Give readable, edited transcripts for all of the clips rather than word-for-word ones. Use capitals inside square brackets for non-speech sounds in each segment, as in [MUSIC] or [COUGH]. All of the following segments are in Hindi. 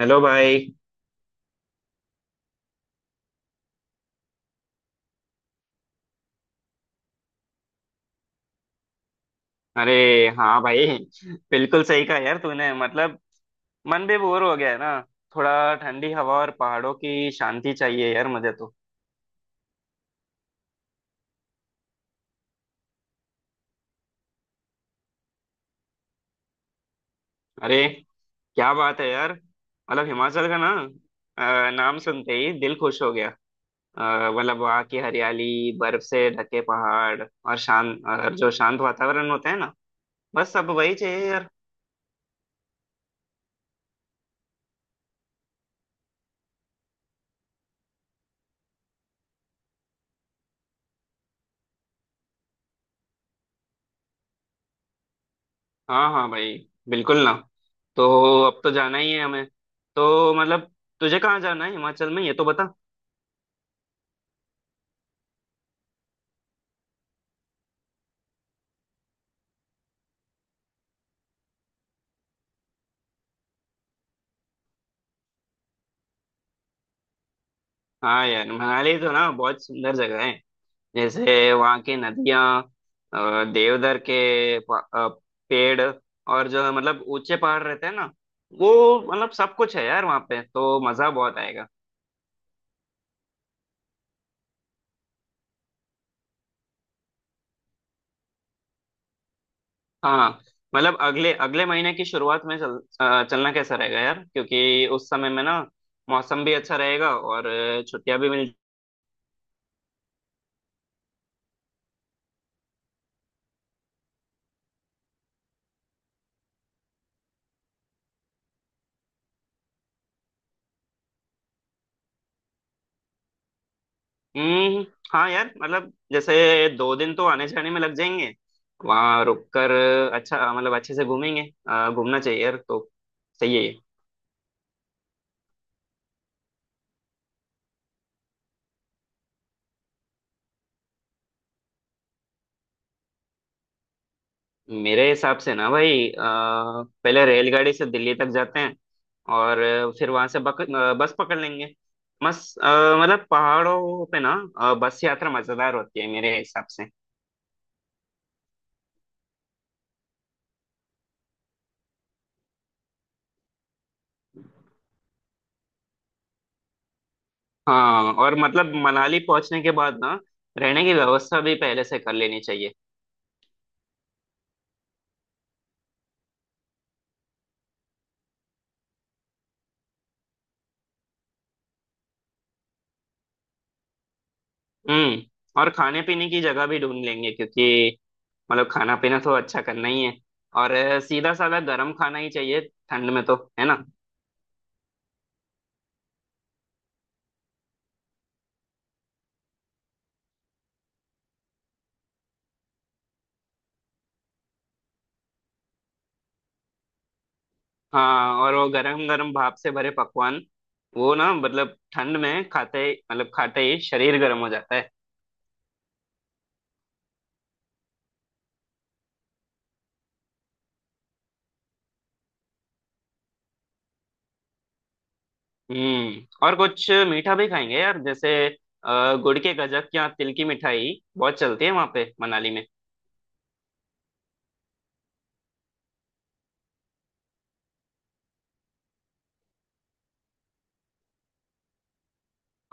हेलो भाई। अरे हाँ भाई। बिल्कुल सही कहा यार तूने मतलब मन भी बोर हो गया है ना। थोड़ा ठंडी हवा और पहाड़ों की शांति चाहिए यार मुझे तो। अरे क्या बात है यार। मतलब हिमाचल का ना नाम सुनते ही दिल खुश हो गया। मतलब वहाँ की हरियाली, बर्फ से ढके पहाड़ और शांत और जो शांत वातावरण होता है ना, बस सब वही चाहिए यार। हाँ हाँ भाई, बिल्कुल ना। तो अब तो जाना ही है हमें। तो मतलब तुझे कहाँ जाना है हिमाचल में ये तो बता। हाँ यार, मनाली तो ना बहुत सुंदर जगह है। जैसे वहाँ की नदियाँ, देवदार के पेड़ और जो है मतलब ऊंचे पहाड़ रहते हैं ना, वो मतलब सब कुछ है यार, वहाँ पे तो मजा बहुत आएगा। हाँ मतलब अगले अगले महीने की शुरुआत में चलना कैसा रहेगा यार, क्योंकि उस समय में ना मौसम भी अच्छा रहेगा और छुट्टियां भी मिल। हम्म। हाँ यार, मतलब जैसे 2 दिन तो आने जाने में लग जाएंगे, वहाँ रुक कर अच्छा मतलब अच्छे से घूमेंगे। घूमना चाहिए यार, तो सही है ये। मेरे हिसाब से ना भाई पहले रेलगाड़ी से दिल्ली तक जाते हैं और फिर वहां से बस पकड़ लेंगे। मस्त मतलब पहाड़ों पे ना बस यात्रा मजेदार होती है मेरे हिसाब से। हाँ और मतलब मनाली पहुंचने के बाद ना रहने की व्यवस्था भी पहले से कर लेनी चाहिए। हम्म और खाने पीने की जगह भी ढूंढ लेंगे क्योंकि मतलब खाना पीना तो अच्छा करना ही है। और सीधा साधा गर्म खाना ही चाहिए ठंड में तो है ना। हाँ और वो गरम गरम भाप से भरे पकवान, वो ना मतलब ठंड में खाते मतलब खाते ही शरीर गर्म हो जाता है। और कुछ मीठा भी खाएंगे यार, जैसे गुड़ के गजक या तिल की मिठाई बहुत चलती है वहाँ पे मनाली में।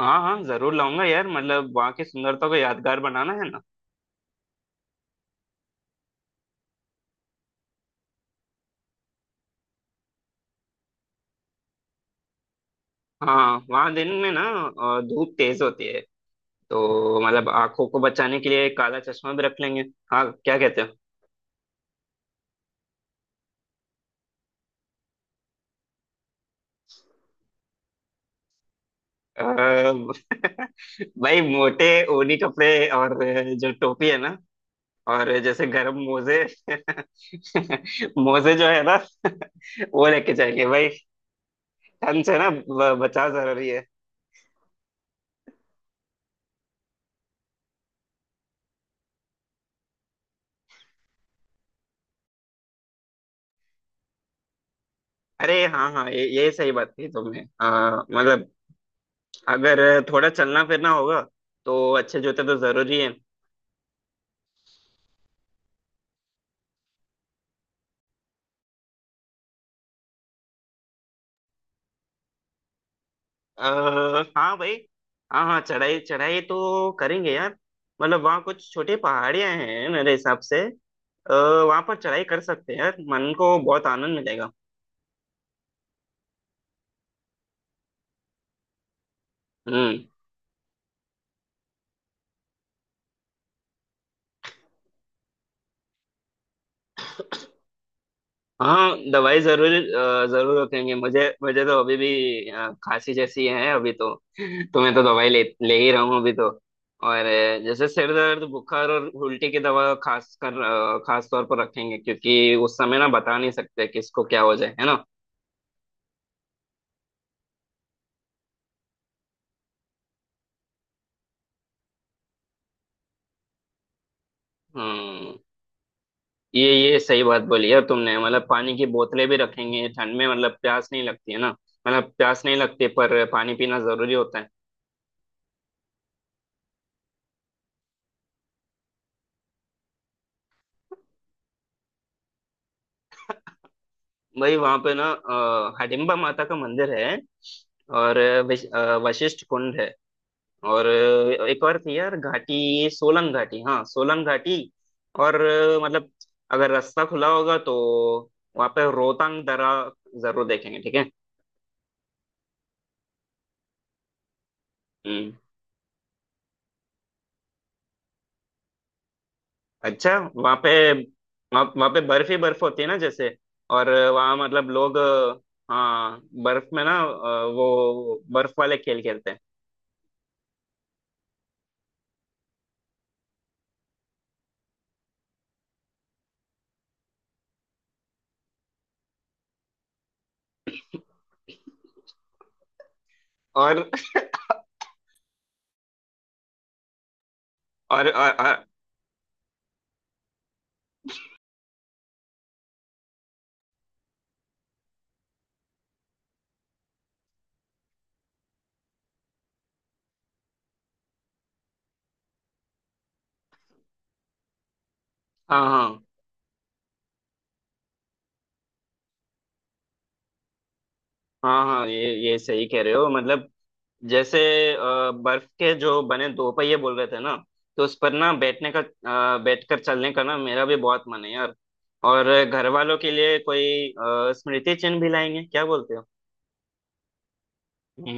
हाँ हाँ जरूर लाऊंगा यार, मतलब वहाँ की सुंदरता को यादगार बनाना है ना। हाँ वहाँ दिन में ना धूप तेज होती है, तो मतलब आंखों को बचाने के लिए काला चश्मा भी रख लेंगे। हाँ क्या कहते हो। अ, [LAUGHS] भाई, मोटे ऊनी कपड़े और जो टोपी है ना और जैसे गरम मोजे [LAUGHS] मोजे जो है ना [LAUGHS] वो लेके जाएंगे भाई। ठंड से ना बचाव जरूरी है। अरे हाँ हाँ, ये सही बात कही तुमने। मतलब अगर थोड़ा चलना फिरना होगा तो अच्छे जूते तो जरूरी है। हाँ भाई, हाँ हाँ चढ़ाई चढ़ाई तो करेंगे यार। मतलब वहाँ कुछ छोटे पहाड़ियाँ हैं मेरे हिसाब से। आ, वहाँ पर चढ़ाई कर सकते हैं यार, मन को बहुत आनंद मिलेगा। हम्म हाँ दवाई जरूर जरूर रखेंगे। मुझे मुझे तो अभी भी खांसी जैसी है अभी तो [LAUGHS] तो मैं तो दवाई ले ले ही रहा हूँ अभी तो। और जैसे सिर दर्द बुखार और उल्टी की दवा खास तौर पर रखेंगे क्योंकि उस समय ना बता नहीं सकते किसको क्या हो जाए है ना। हम्म ये ये सही बात बोली यार तुमने, मतलब पानी की बोतलें भी रखेंगे ठंड में, मतलब प्यास नहीं लगती है ना, मतलब प्यास नहीं लगती पर पानी पीना जरूरी होता है। भाई वहां पे ना हडिम्बा माता का मंदिर है, और वशिष्ठ कुंड है, और एक और थी यार घाटी, सोलंग घाटी, हाँ सोलंग घाटी। और मतलब अगर रास्ता खुला होगा तो वहाँ पे रोहतांग दर्रा जरूर देखेंगे, ठीक है। हम्म अच्छा वहाँ पे वहाँ वहाँ पे बर्फ ही बर्फ होती है ना जैसे। और वहाँ मतलब लोग हाँ, बर्फ में ना वो बर्फ वाले खेल खेलते हैं। और और, और, और हाँ हाँ हाँ हाँ, ये सही कह रहे हो, मतलब जैसे बर्फ के जो बने दो पहिए बोल रहे थे ना, तो उस पर ना बैठकर चलने का ना मेरा भी बहुत मन है यार। और घर वालों के लिए कोई स्मृति चिन्ह भी लाएंगे, क्या बोलते हो।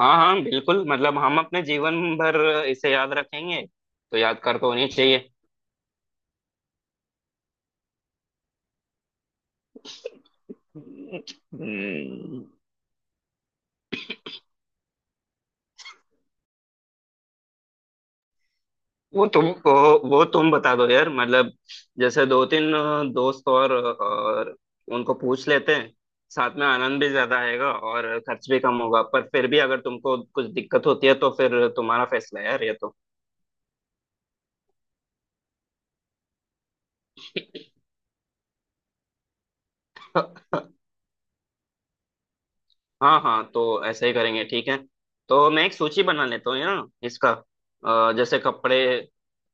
हाँ हाँ बिल्कुल, मतलब हम अपने जीवन भर इसे याद रखेंगे तो याद कर तो होनी चाहिए। हम्म, वो तुम बता दो यार, मतलब जैसे दो तीन दोस्त और उनको पूछ लेते हैं। साथ में आनंद भी ज्यादा आएगा और खर्च भी कम होगा, पर फिर भी अगर तुमको कुछ दिक्कत होती है तो फिर तुम्हारा फैसला है यार ये तो। [LAUGHS] हाँ हाँ, तो ऐसे ही करेंगे, ठीक है। तो मैं एक सूची बना लेता हूँ यार इसका, जैसे कपड़े,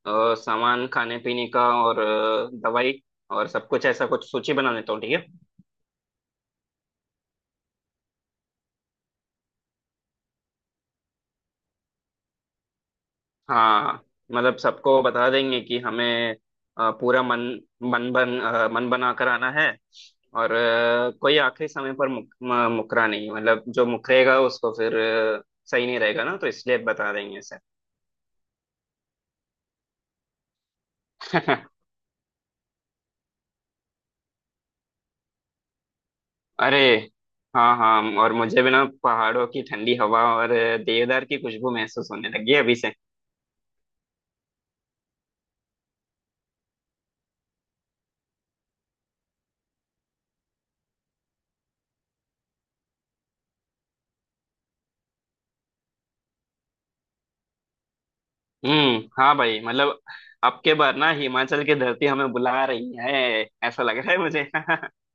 सामान खाने पीने का और दवाई और सब कुछ, ऐसा कुछ सूची बना लेता हूँ, ठीक है। हाँ मतलब सबको बता देंगे कि हमें पूरा मन मन बन अ, मन बना कर आना है, और कोई आखिरी समय पर मुकरा नहीं, मतलब जो मुकरेगा उसको फिर अ, सही नहीं रहेगा ना, तो इसलिए बता देंगे सर। [LAUGHS] अरे, हाँ हाँ, और मुझे भी ना पहाड़ों की ठंडी हवा और देवदार की खुशबू महसूस होने लगी है अभी से। हाँ भाई, मतलब अब के बार ना हिमाचल की धरती हमें बुला रही है, ऐसा लग रहा है मुझे [LAUGHS]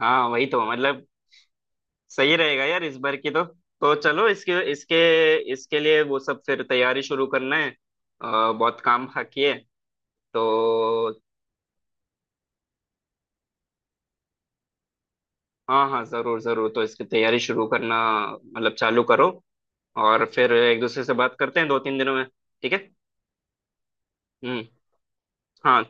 हाँ वही तो मतलब सही रहेगा यार इस बार की तो। तो चलो इसके इसके इसके लिए वो सब फिर तैयारी शुरू करना है, बहुत काम बाकी है। तो हाँ हाँ जरूर जरूर, तो इसकी तैयारी शुरू करना मतलब चालू करो, और फिर एक दूसरे से बात करते हैं दो तीन दिनों में, ठीक है। हम्म हाँ।